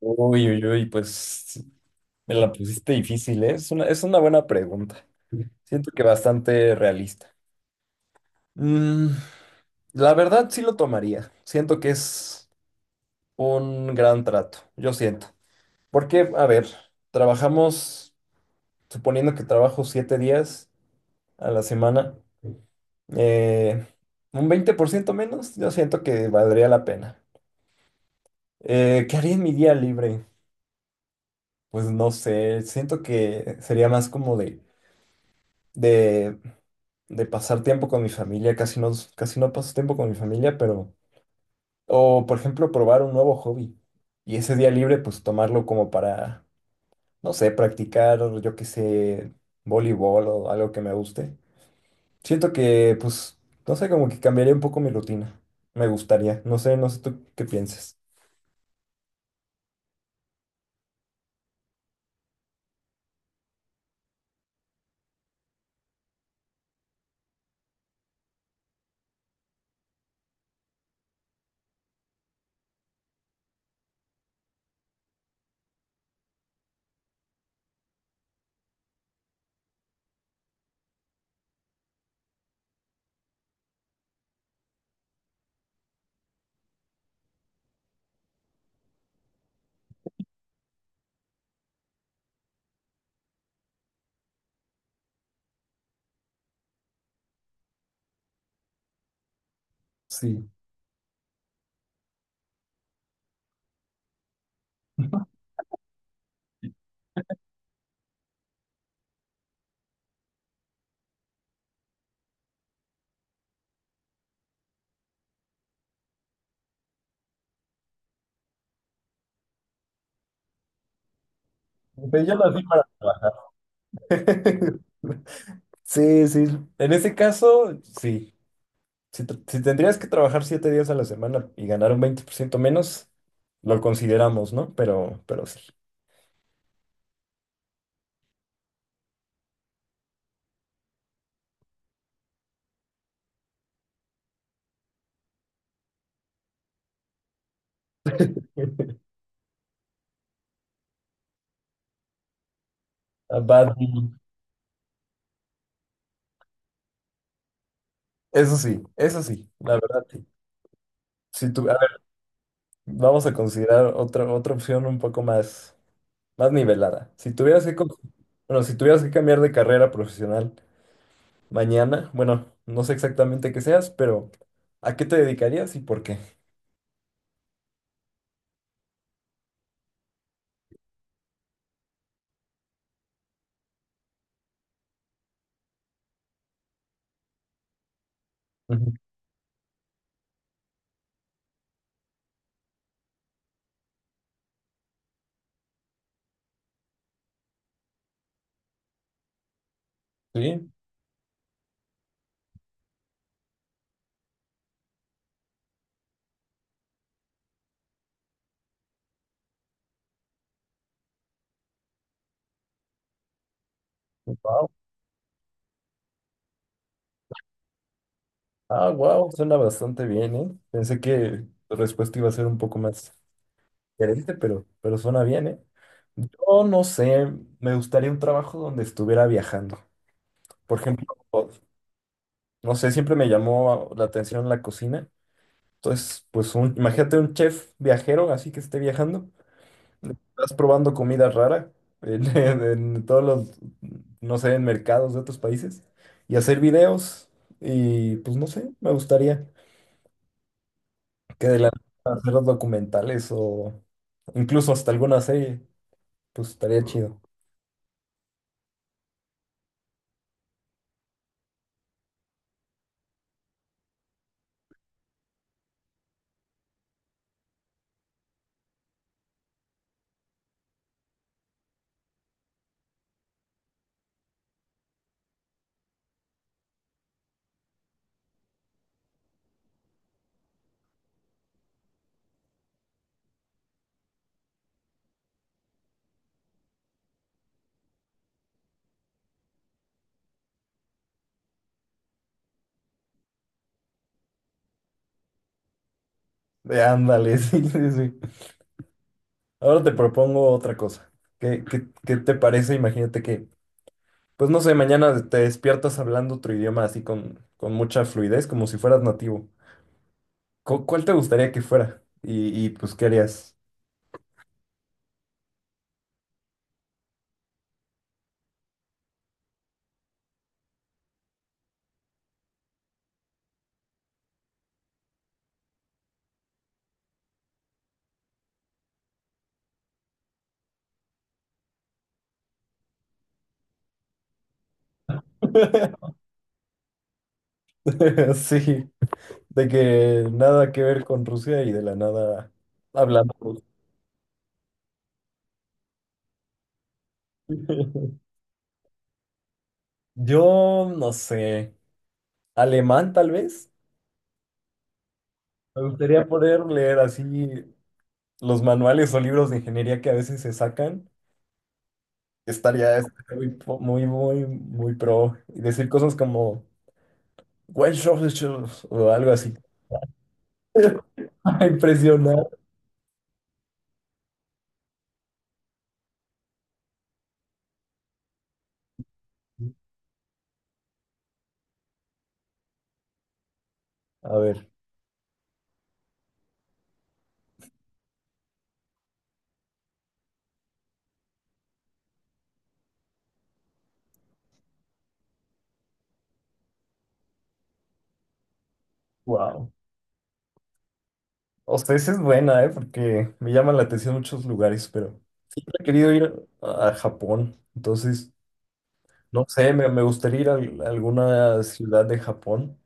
Uy, uy, uy, pues me la pusiste difícil, ¿eh? Es una buena pregunta. Siento que bastante realista. Mm, la verdad sí lo tomaría. Siento que es un gran trato, yo siento. Porque, a ver, trabajamos, suponiendo que trabajo 7 días a la semana, eh, un 20% menos, yo siento que valdría la pena. ¿qué haría en mi día libre? Pues no sé, siento que sería más como de de pasar tiempo con mi familia, casi no paso tiempo con mi familia, pero, o por ejemplo, probar un nuevo hobby y ese día libre, pues tomarlo como para, no sé, practicar, yo qué sé, voleibol o algo que me guste. Siento que, pues, no sé, como que cambiaría un poco mi rutina. Me gustaría, no sé, no sé tú qué pienses. Sí. Pero yo lo hacía para trabajar. Sí, sí. En ese caso, sí. Si tendrías que trabajar 7 días a la semana y ganar un 20% menos, lo consideramos, ¿no? Pero sí. A Bad Bunny. Eso sí, la verdad sí. Si tu- A ver, vamos a considerar otra opción un poco más nivelada. Si tuvieras que, con- bueno, si tuvieras que cambiar de carrera profesional mañana, bueno, no sé exactamente qué seas, pero ¿a qué te dedicarías y por qué? Ujú. Sí, wow. Ah, wow, suena bastante bien, ¿eh? Pensé que tu respuesta iba a ser un poco más diferente, pero suena bien, ¿eh? Yo no sé, me gustaría un trabajo donde estuviera viajando. Por ejemplo, no sé, siempre me llamó la atención la cocina. Entonces, pues imagínate un chef viajero, así que esté viajando, estás probando comida rara en, en todos los, no sé, en mercados de otros países y hacer videos y pues no sé, me gustaría que de la nada hacer los documentales o incluso hasta alguna serie, pues estaría chido. Ándale, sí, sí, sí. Ahora te propongo otra cosa. ¿Qué te parece? Imagínate que, pues no sé, mañana te despiertas hablando otro idioma así con mucha fluidez, como si fueras nativo. ¿Cuál te gustaría que fuera? Y pues, ¿qué harías? Sí, de que nada que ver con Rusia y de la nada hablando ruso. Yo no sé, alemán tal vez. Me gustaría poder leer así los manuales o libros de ingeniería que a veces se sacan. Estaría muy, muy, muy pro. Y decir cosas como, "Well, shows, shows", o algo así. A Impresionar. A ver, wow. O sea, esa es buena, ¿eh? Porque me llaman la atención muchos lugares, pero he querido ir a Japón. Entonces, no sé, me gustaría ir a alguna ciudad de Japón.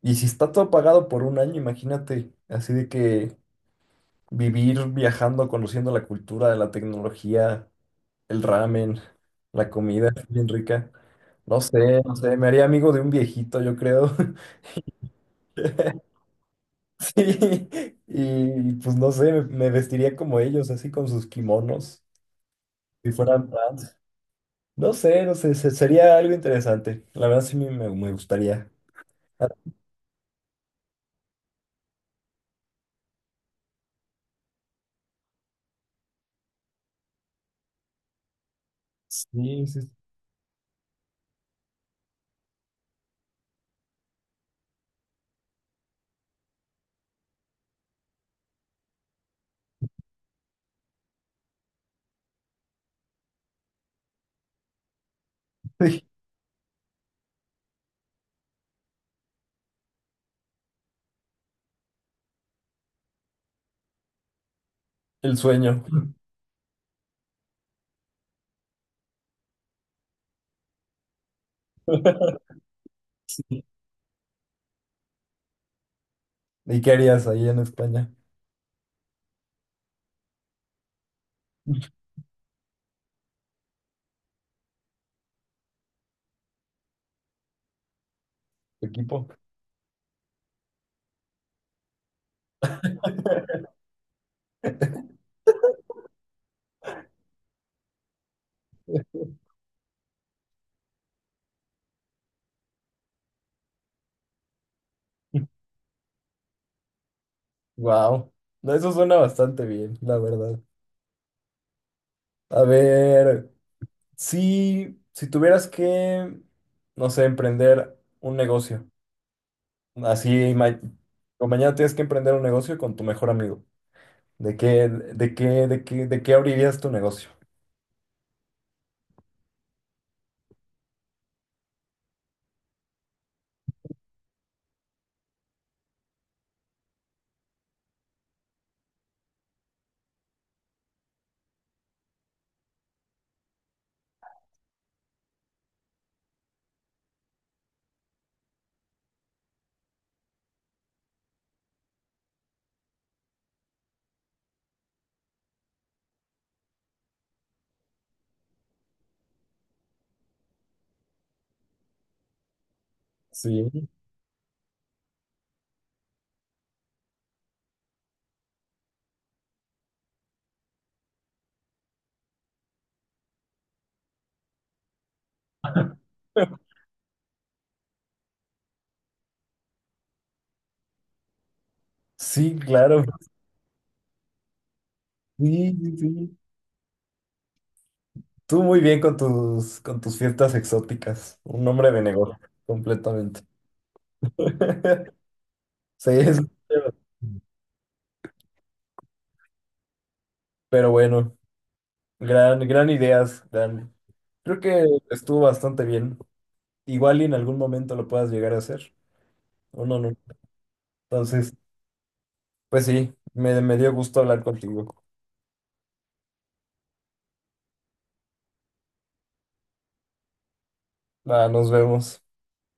Y si está todo pagado por un año, imagínate, así de que vivir viajando, conociendo la cultura, la tecnología, el ramen, la comida es bien rica. No sé, no sé, me haría amigo de un viejito, yo creo. Sí, y pues no sé, me vestiría como ellos, así con sus kimonos, si fueran trans. No sé, no sé, sería algo interesante. La verdad sí me gustaría. Ah, sí, sí, sí. El sueño. Sí. ¿Y qué harías ahí en España? ¿Tu equipo? Wow. No, eso suena bastante bien, la verdad. A ver. Si tuvieras que, no sé, emprender un negocio, así, o mañana tienes que emprender un negocio con tu mejor amigo, ¿de qué abrirías tu negocio? Sí, sí, claro, sí, sí, sí. Tú muy bien con tus, fiestas exóticas, un hombre de negocio, completamente. Sí, pero bueno, gran ideas, gran. Creo que estuvo bastante bien. Igual y en algún momento lo puedas llegar a hacer. No, no, no. Entonces, pues sí, me dio gusto hablar contigo. Va, nos vemos.